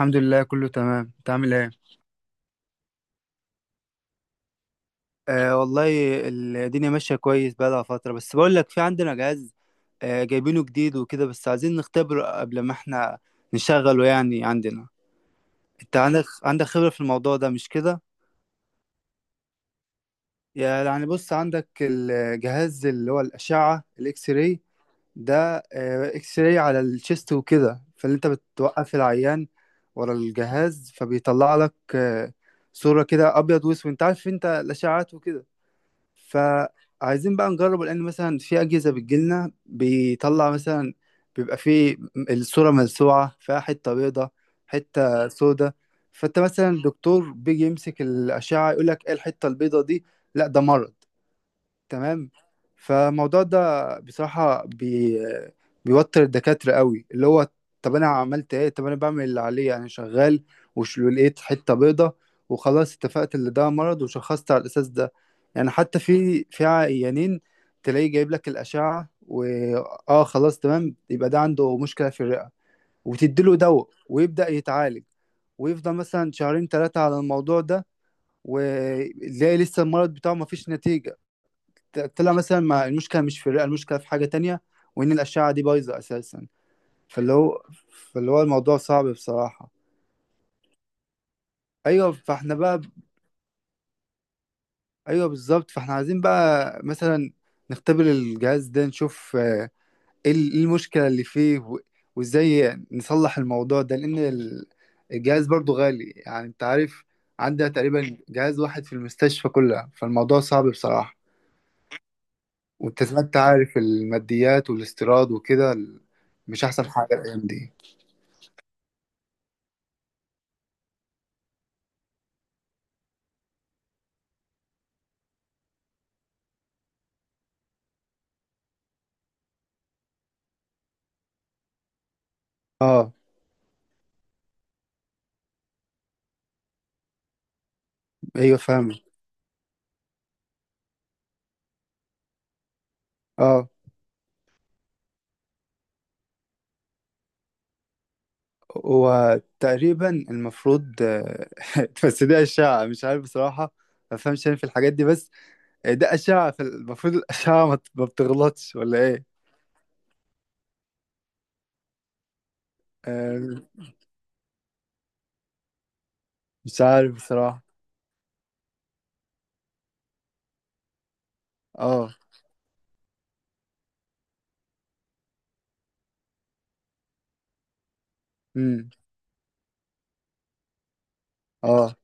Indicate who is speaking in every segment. Speaker 1: الحمد لله كله تمام، انت عامل ايه؟ والله الدنيا ماشيه كويس بقالها فتره، بس بقول لك في عندنا جهاز. جايبينه جديد وكده، بس عايزين نختبره قبل ما احنا نشغله. يعني عندنا انت عندك خبره في الموضوع ده مش كده؟ يعني بص، عندك الجهاز اللي هو الاشعه الاكس راي ده. اكس راي على الشيست وكده، فاللي انت بتوقف العيان ورا الجهاز فبيطلع لك صوره كده ابيض واسود. انت عارف، انت الاشعات وكده. فعايزين بقى نجرب، لان مثلا في اجهزه بتجيلنا بيطلع مثلا بيبقى فيه الصوره ملسوعه، فيها حته بيضه حته سودة. فانت مثلا الدكتور بيجي يمسك الاشعه يقول لك ايه الحته البيضه دي؟ لا، ده مرض. تمام. فالموضوع ده بصراحة بيوتر الدكاترة قوي. اللي هو طب أنا عملت إيه؟ طب أنا بعمل اللي عليا، أنا شغال وش لقيت حتة بيضة وخلاص اتفقت اللي ده مرض وشخصت على الأساس ده. يعني حتى في عيانين تلاقيه جايب لك الأشعة خلاص تمام، يبقى ده عنده مشكلة في الرئة وتديله دواء ويبدأ يتعالج ويفضل مثلا شهرين ثلاثة على الموضوع ده، وتلاقي لسه المرض بتاعه مفيش نتيجة. طلع مثلا ما المشكله مش في الرئه، المشكله في حاجه تانية، وان الاشعه دي بايظه اساسا. فاللي هو فاللي هو الموضوع صعب بصراحه. ايوه فاحنا بقى ايوه بالظبط. فاحنا عايزين بقى مثلا نختبر الجهاز ده، نشوف ايه إيه المشكله اللي فيه وازاي نصلح الموضوع ده. لان الجهاز برضو غالي، يعني انت عارف، عندها تقريبا جهاز واحد في المستشفى كلها. فالموضوع صعب بصراحه. وانت زي ما انت عارف الماديات والاستيراد وكده، مش احسن حاجه الايام دي. اه. ايوه فاهمك. اه. وتقريبا المفروض بس دي أشعة، مش عارف بصراحة. ما بفهمش أنا في الحاجات دي، بس ده أشعة، فالمفروض الأشعة ما بتغلطش ولا إيه؟ آه، مش عارف بصراحة. اه. امم. اه.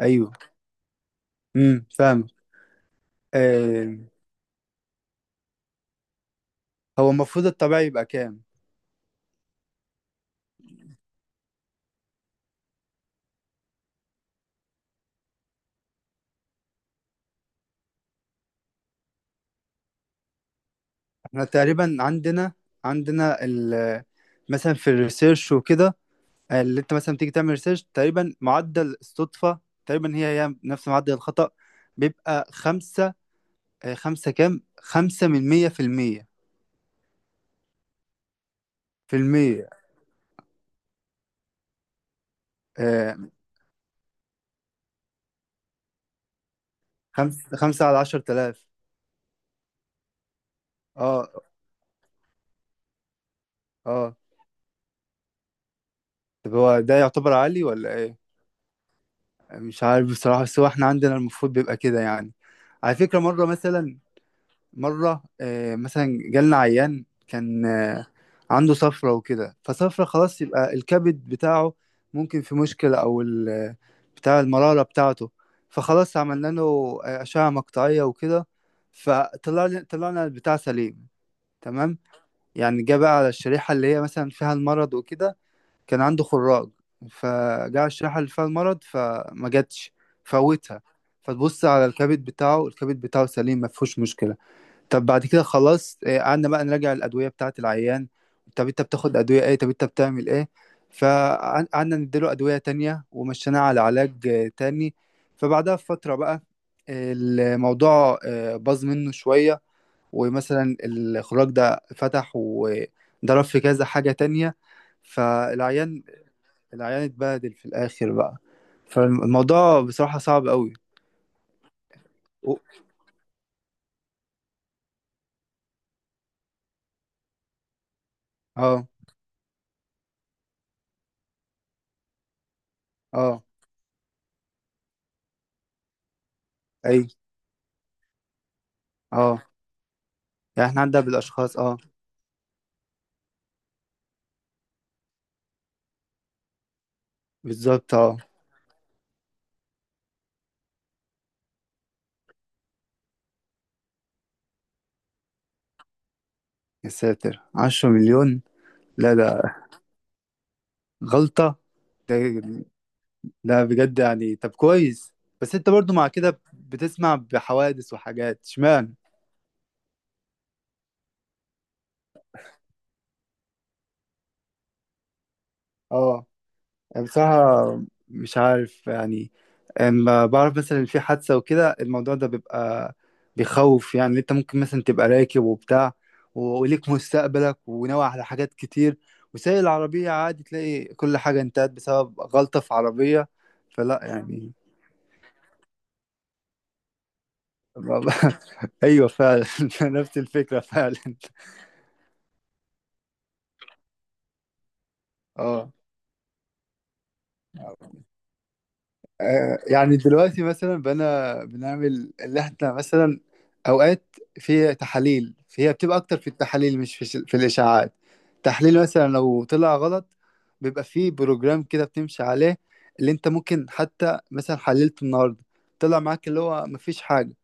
Speaker 1: أيوه. فاهم. آه، هو المفروض الطبيعي يبقى كام؟ احنا تقريبا عندنا، عندنا ال مثلا في الريسيرش وكده، اللي انت مثلا بتيجي تعمل ريسيرش تقريبا معدل الصدفة تقريبا هي هي نفس معدل الخطأ. بيبقى خمسة. خمسة كام، خمسة من مية في المية. في المية. آه، خمسة، خمسة على 10,000. اه. اه. طب هو ده يعتبر عالي ولا ايه؟ مش عارف بصراحة، بس هو احنا عندنا المفروض بيبقى كده يعني. على فكرة، مرة مثلا، مرة مثلا جالنا عيان كان عنده صفرة وكده، فصفرة خلاص يبقى الكبد بتاعه ممكن في مشكلة، أو بتاع المرارة بتاعته. فخلاص عملنا له أشعة مقطعية وكده، فطلع طلعنا البتاع سليم. تمام. يعني جه بقى على الشريحة اللي هي مثلا فيها المرض وكده. كان عنده خراج، فجاء الشريحة اللي فيها المرض فما جاتش، فوتها. فتبص على الكبد بتاعه، الكبد بتاعه سليم ما فيهوش مشكلة. طب بعد كده خلاص قعدنا بقى نراجع الأدوية بتاعة العيان. طب أنت بتاخد أدوية إيه؟ طب أنت بتعمل إيه؟ فقعدنا نديله أدوية تانية ومشيناه على علاج تاني. فبعدها بفترة بقى الموضوع باظ منه شوية، ومثلا الخراج ده فتح وضرب في كذا حاجة تانية. فالعيان، العيان اتبهدل في الآخر بقى. فالموضوع بصراحة صعب قوي. و- اه. اه. اي. اه. يعني احنا عندنا بالأشخاص، اه بالظبط. اه يا ساتر، 10 مليون! لا ده غلطة ده. لا بجد يعني، طب كويس. بس انت برضو مع كده بتسمع بحوادث وحاجات، اشمعنى؟ اه. يعني بصراحة مش عارف يعني، اما بعرف مثلا في حادثة وكده الموضوع ده بيبقى بيخوف. يعني انت ممكن مثلا تبقى راكب وبتاع وليك مستقبلك وناوي على حاجات كتير وسايق العربية عادي، تلاقي كل حاجة انتهت بسبب غلطة في عربية. فلا يعني. والله- ايوه فعلا نفس الفكره فعلا. اه. يعني دلوقتي مثلا بنعمل اللي احنا مثلا اوقات في تحاليل، فهي بتبقى اكتر في التحاليل مش في الاشاعات. تحليل مثلا لو طلع غلط بيبقى فيه بروجرام كده بتمشي عليه، اللي انت ممكن حتى مثلا حللت النهارده طلع معاك اللي هو مفيش حاجه.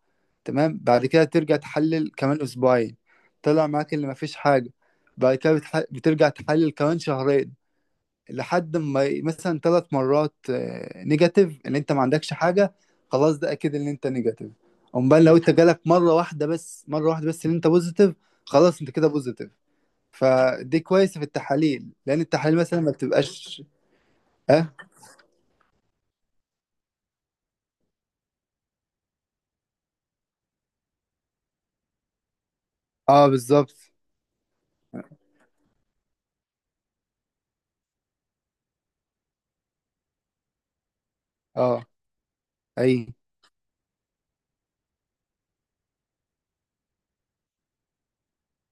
Speaker 1: تمام. بعد كده ترجع تحلل كمان اسبوعين، طلع معاك اللي مفيش حاجه. بعد كده بترجع تحلل كمان شهرين، لحد ما مثلا 3 مرات نيجاتيف ان انت ما عندكش حاجه. خلاص، ده اكيد ان انت نيجاتيف. امال لو انت جالك مره واحده بس، مره واحده بس ان انت بوزيتيف، خلاص انت كده بوزيتيف. فدي كويسه في التحاليل، لان التحاليل مثلا ما بتبقاش. اه. اه بالظبط. اه. اي.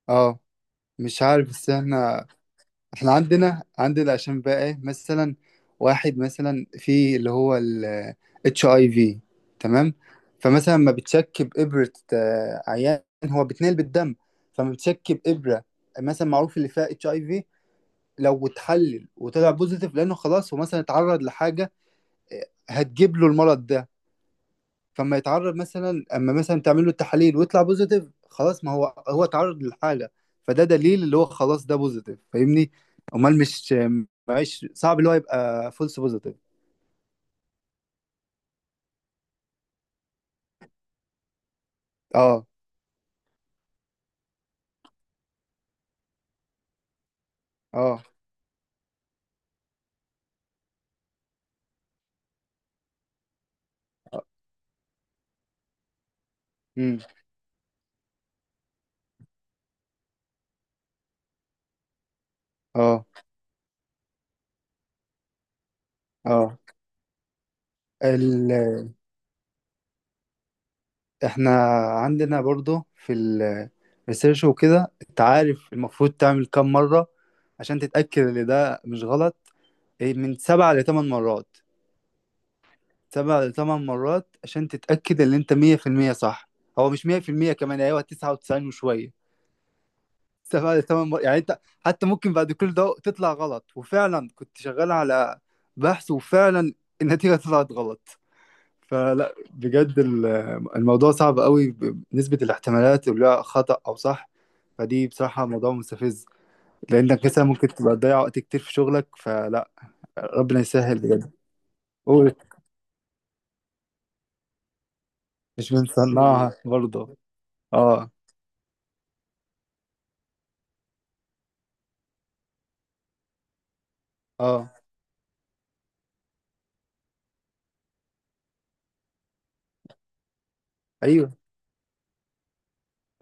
Speaker 1: اه. مش عارف، بس احنا، احنا عندنا عشان بقى ايه، مثلا واحد مثلا في اللي هو ال اتش اي في. تمام. فمثلا ما بتشك بإبرة عيان هو بيتنقل بالدم، فما بتشك بإبرة مثلا معروف اللي فيها اتش اي في، لو اتحلل وطلع بوزيتيف لانه خلاص هو مثلا اتعرض لحاجة هتجيب له المرض ده. فما يتعرض مثلا اما مثلا تعمل له التحاليل ويطلع بوزيتيف، خلاص ما هو هو اتعرض للحاله. فده دليل اللي هو خلاص ده بوزيتيف، فاهمني؟ امال مش معيش صعب اللي هو يبقى فولس بوزيتيف. اه. اه. امم. اه. اه. ال... احنا عندنا برضو في الريسيرش وكده انت عارف المفروض تعمل كام مره عشان تتاكد ان ده مش غلط؟ إيه، من 7 لـ8 مرات. 7 لـ8 مرات عشان تتأكد ان انت 100% صح. هو مش 100% كمان، ايوه 99 وشوية. 7 لـ8 مرات، يعني انت حتى ممكن بعد كل ده تطلع غلط، وفعلا كنت شغال على بحث وفعلا النتيجة طلعت غلط. فلا بجد الموضوع صعب قوي بنسبة الاحتمالات اللي هو خطأ او صح. فدي بصراحة موضوع مستفز، لأنك مثلا ممكن تبقى تضيع وقت كتير في شغلك. فلا، ربنا يسهل بجد. قول. مش بنصنعها برضه. اه. اه. ايوه.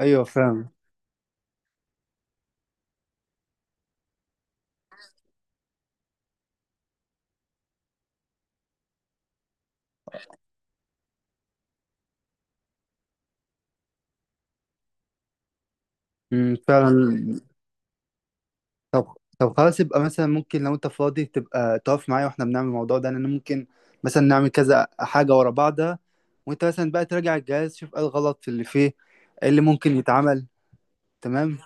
Speaker 1: ايوه فعلا. أمم، فعلا. طب طب خلاص، يبقى مثلا ممكن لو انت فاضي تبقى تقف معايا واحنا بنعمل الموضوع ده، لان ممكن مثلا نعمل كذا حاجه ورا بعضها، وانت مثلا بقى تراجع الجهاز شوف ايه الغلط في اللي فيه، ايه اللي ممكن يتعمل. تمام.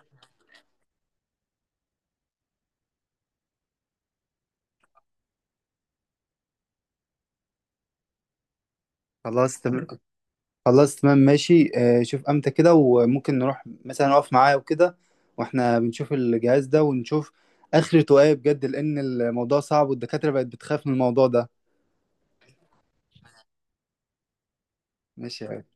Speaker 1: خلاص تمام. خلاص تمام ماشي، شوف امتى كده وممكن نروح مثلا نقف معايا وكده، واحنا بنشوف الجهاز ده ونشوف اخرته ايه بجد، لان الموضوع صعب والدكاتره بقت بتخاف من الموضوع ده. ماشي.